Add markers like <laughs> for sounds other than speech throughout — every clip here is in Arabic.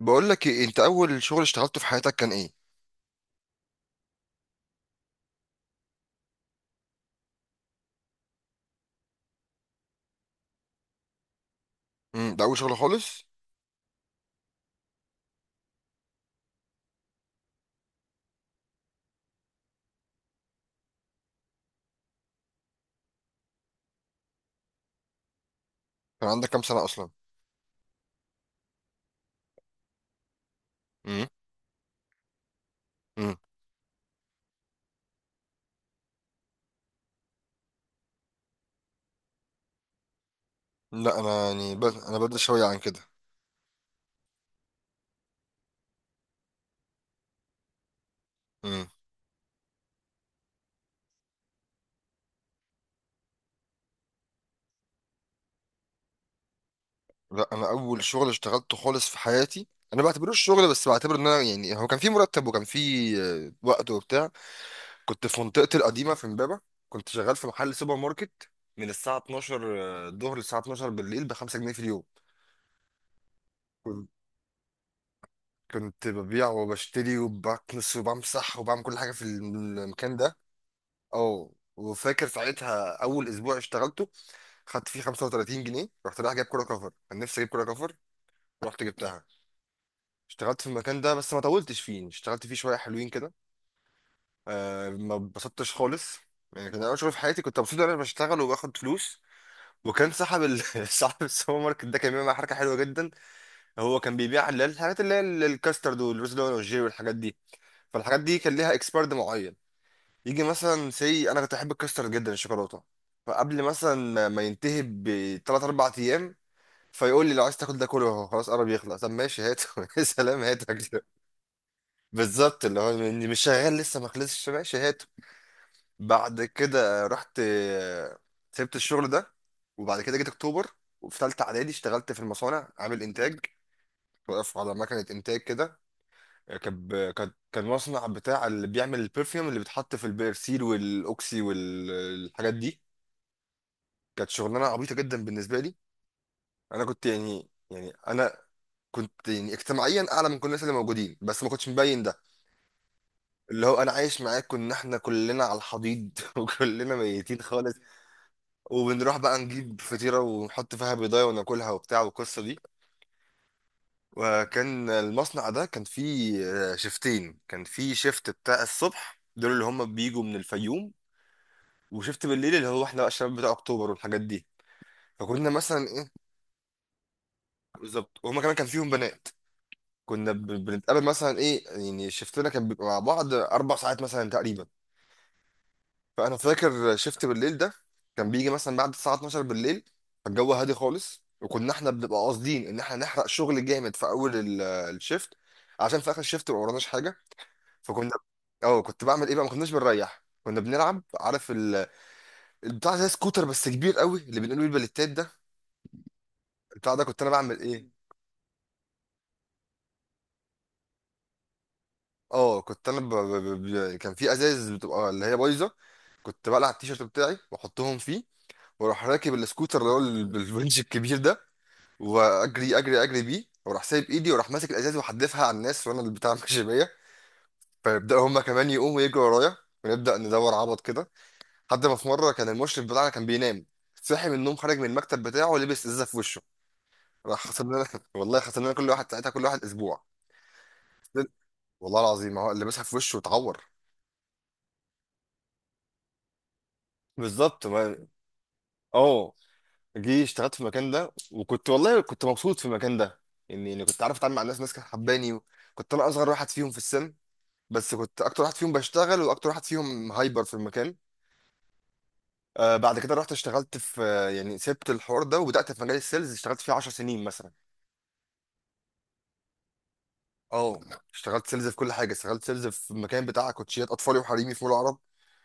بقول لك ايه انت اول شغل اشتغلته في حياتك كان ايه؟ امم. ده اول شغل خالص؟ كان عندك كام سنه اصلا؟ امم. امم. لا انا يعني انا بدري شويه عن كده. امم. لا انا اول شغل اشتغلته خالص في حياتي. انا ما بعتبروش شغل، بس بعتبر ان انا يعني هو كان في مرتب وكان في وقت وبتاع. كنت في منطقتي القديمه في امبابه، كنت شغال في محل سوبر ماركت من الساعه 12 الظهر للساعه 12 بالليل، ب 5 جنيه في اليوم. كنت كنت ببيع وبشتري وبكنس وبمسح وبعمل كل حاجه في المكان ده. اه، وفاكر ساعتها اول اسبوع اشتغلته خدت فيه 35 جنيه، رحت رايح جايب كوره كفر، كان نفسي اجيب كوره كفر، رحت جبتها. اشتغلت في المكان ده بس ما طولتش فيه، يعني اشتغلت فيه شويه حلوين كده. ما اتبسطتش خالص، يعني كان اول شغل في حياتي، كنت مبسوط إن انا بشتغل وباخد فلوس. وكان صاحب <laughs> صاحب السوبر ماركت ده كان بيعمل معايا حركه حلوه جدا. هو كان بيبيع اللي هي الحاجات، اللي هي الكاسترد والرز والجيري والحاجات دي، فالحاجات دي كان ليها اكسبيرد معين. يجي مثلا سي، انا كنت احب الكاسترد جدا، الشوكولاته، فقبل مثلا ما ينتهي بثلاث اربع ايام فيقول لي لو عايز تاكل ده كله اهو خلاص قرب يخلص، طب ماشي هاته. <laughs> يا سلام، هاته كده، بالظبط، اللي هو إني مش شغال لسه ما خلصش، ماشي هاته. بعد كده رحت سبت الشغل ده. وبعد كده جيت اكتوبر، وفي ثالثه اعدادي اشتغلت في المصانع عامل انتاج، واقف على مكنه انتاج كده. كان كان مصنع بتاع اللي بيعمل البرفيوم اللي بيتحط في البيرسيل والاوكسي والحاجات دي. كانت شغلانه عبيطه جدا بالنسبه لي. انا كنت يعني انا كنت يعني اجتماعيا اعلى من كل الناس اللي موجودين، بس ما كنتش مبين ده، اللي هو انا عايش معاكم ان احنا كلنا على الحضيض <laughs> وكلنا ميتين خالص. وبنروح بقى نجيب فطيره ونحط فيها بيضايه وناكلها وبتاع والقصه دي. وكان المصنع ده كان فيه شيفتين، كان فيه شيفت بتاع الصبح دول اللي هم بيجوا من الفيوم، وشيفت بالليل اللي هو احنا بقى الشباب بتاع اكتوبر والحاجات دي. فكنا مثلا ايه، بالظبط، وهما كمان كان فيهم بنات، كنا بنتقابل مثلا ايه، يعني شفتنا كان بيبقى مع بعض 4 ساعات مثلا تقريبا. فانا فاكر شفت بالليل ده كان بيجي مثلا بعد الساعه 12 بالليل، فالجو هادي خالص، وكنا احنا بنبقى قاصدين ان احنا نحرق شغل جامد في اول الشيفت، عشان في اخر الشيفت ما وراناش حاجه. فكنا، اه، كنت بعمل ايه بقى، ما كناش بنريح كنا بنلعب. عارف البتاع، زي سكوتر بس كبير قوي، اللي بنقوله البليتات ده، البتاع ده كنت انا بعمل ايه؟ اه، كنت انا كان في ازايز بتبقى اللي هي بايظه، كنت بقلع التيشيرت بتاعي واحطهم فيه، واروح راكب السكوتر اللي هو بالونش الكبير ده، واجري اجري اجري بيه، واروح سايب ايدي، واروح ماسك الازاز وحدفها على الناس وانا اللي بتاع <laughs> ماشي بيا، فيبداوا هما كمان يقوموا يجروا ورايا، ونبدا ندور عبط كده. لحد ما في مره كان المشرف بتاعنا كان بينام، صحي من النوم، خرج من المكتب بتاعه، لبس ازازه في وشه. راح خسرنا لنا <laughs> والله خسرنا لنا، كل واحد ساعتها كل واحد اسبوع. والله العظيم ما هو لبسها في وشه واتعور، بالظبط ما. اه، جه اشتغلت في المكان ده، وكنت والله كنت مبسوط في المكان ده. يعني كنت عارف اتعامل مع الناس، ناس كانت حباني، كنت انا اصغر واحد فيهم في السن، بس كنت اكتر واحد فيهم بشتغل واكتر واحد فيهم هايبر في المكان. بعد كده رحت اشتغلت في يعني سبت الحوار ده وبدات في مجال السيلز اشتغلت فيه 10 سنين مثلا. اه، اشتغلت سيلز في كل حاجه، اشتغلت سيلز في المكان بتاع كوتشيات اطفالي وحريمي في مول العرب،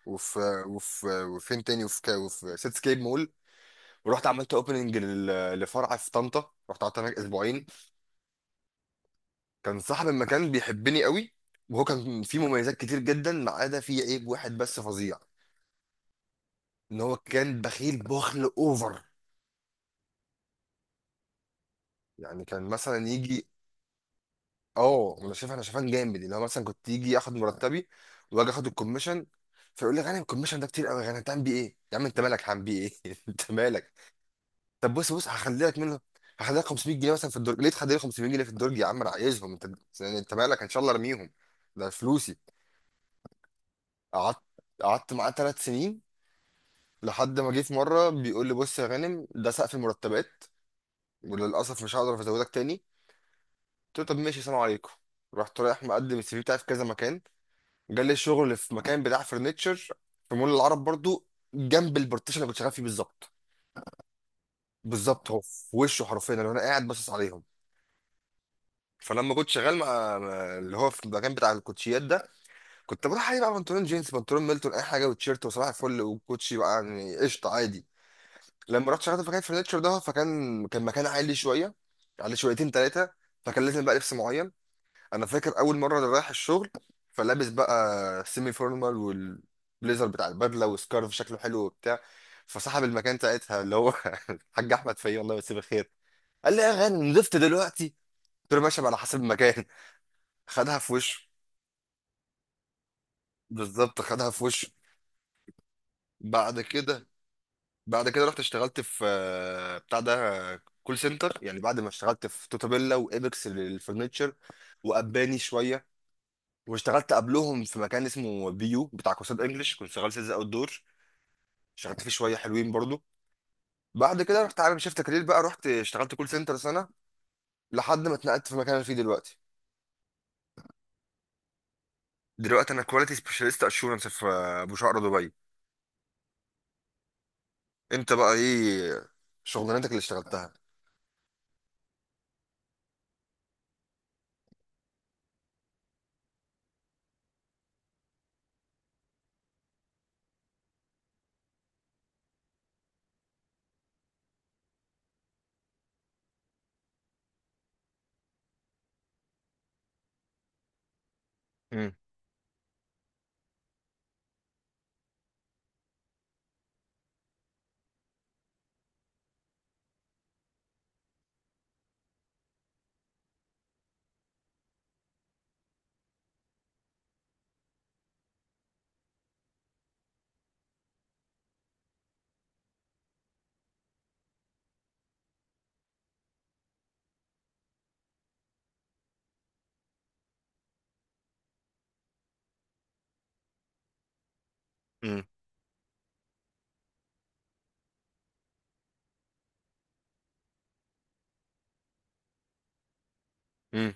وفي وفين تاني، وفي سيتسكيب مول. ورحت عملت اوبننج لفرع في طنطا، رحت قعدت هناك اسبوعين. كان صاحب المكان بيحبني قوي، وهو كان فيه مميزات كتير جدا، ما عدا فيه عيب واحد بس فظيع، ان هو كان بخيل بخل اوفر. يعني كان مثلا يجي، اه، انا شايفان جامد، اللي هو مثلا كنت يجي ياخد مرتبي، واجي اخد الكوميشن، فيقول لي غانم الكوميشن ده كتير قوي، غانم هتعمل بيه ايه، يا عم انت مالك هعمل بيه ايه <laughs> انت مالك. طب بص بص هخلي لك منه، هخلي لك 500 جنيه مثلا في الدرج، ليه تخلي لي 500 جنيه في الدرج، يا عم انا عايزهم انت، يعني انت مالك ان شاء الله ارميهم، ده فلوسي. قعدت قعدت معاه 3 سنين، لحد ما جه في مره بيقول لي بص يا غانم ده سقف المرتبات وللاسف مش هقدر ازودك تاني. قلت له طب ماشي سلام عليكم. رحت رايح مقدم السي في بتاعي في كذا مكان، جالي شغل في مكان بتاع فرنتشر، في مول العرب برضو، جنب البارتيشن اللي كنت شغال فيه بالظبط، بالظبط هو في وشه حرفيا اللي انا قاعد باصص عليهم. فلما كنت شغال مع اللي هو في المكان بتاع الكوتشيات ده، كنت بروح عليه بقى بنطلون جينز، بنطلون ميلتون، اي حاجه وتيشيرت، وصباح الفل، وكوتشي بقى، يعني قشطه عادي. لما رحت شغلت في مكان الفرنتشر ده، فكان مكان عالي شويه، على شويتين ثلاثه، فكان لازم بقى لبس معين. انا فاكر اول مره انا رايح الشغل، فلابس بقى سيمي فورمال والبليزر بتاع البدله وسكارف شكله حلو وبتاع. فصاحب المكان ساعتها اللي هو <laughs> الحاج احمد فيه الله يمسيه بالخير، قال لي يا غانم نضفت دلوقتي، قلت له ماشي، ما على حسب المكان. <laughs> خدها في وشه، بالظبط خدها في وشه. بعد كده بعد كده رحت اشتغلت في بتاع ده، كول سنتر، يعني بعد ما اشتغلت في توتابيلا وابيكس للفرنتشر، واباني شويه، واشتغلت قبلهم في مكان اسمه بيو بتاع كورسات انجلش كنت شغال سيلز اوت دور، اشتغلت فيه شويه حلوين برضو. بعد كده رحت عامل شيفت كارير بقى، رحت اشتغلت كول سنتر سنه لحد ما اتنقلت في المكان اللي فيه دلوقتي. دلوقتي انا كواليتي سبيشاليست اشورنس في بوشقرة دبي. انت بقى ايه شغلانتك اللي اشتغلتها؟ امم. امم. امم.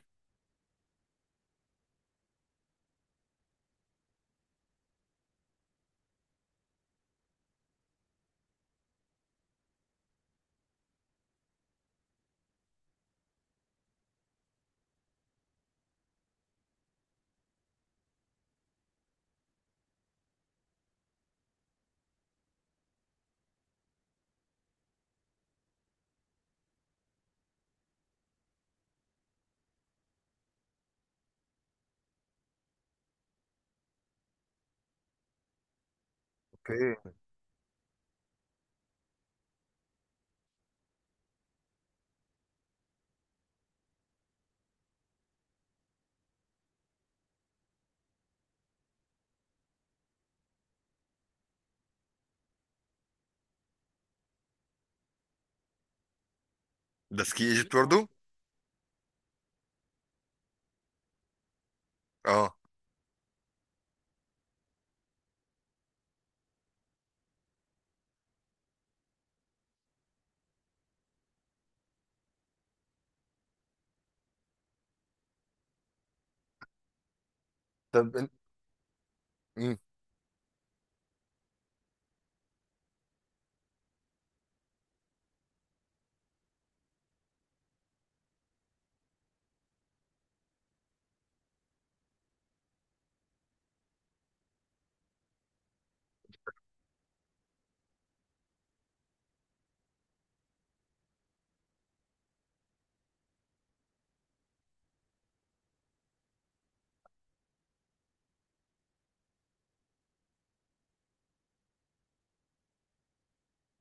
اوكي. ده سكي ايجيبت برضو؟ اه. طب انت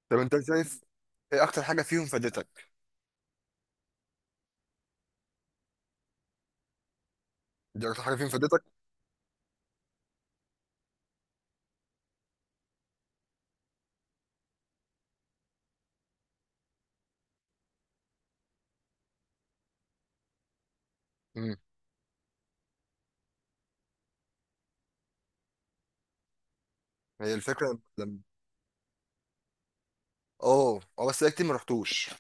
طب انت شايف ايه اكتر حاجه فيهم فادتك؟ دي اكتر حاجه فيهم فادتك؟ امم. هي الفكره لما. اه، اه، بس انا كتير ما رحتوش.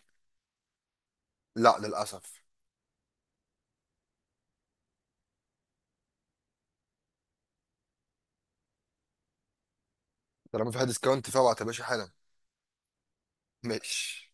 لا للاسف. طالما في حد ديسكاونت فابعت يا باشا حالا. ماشي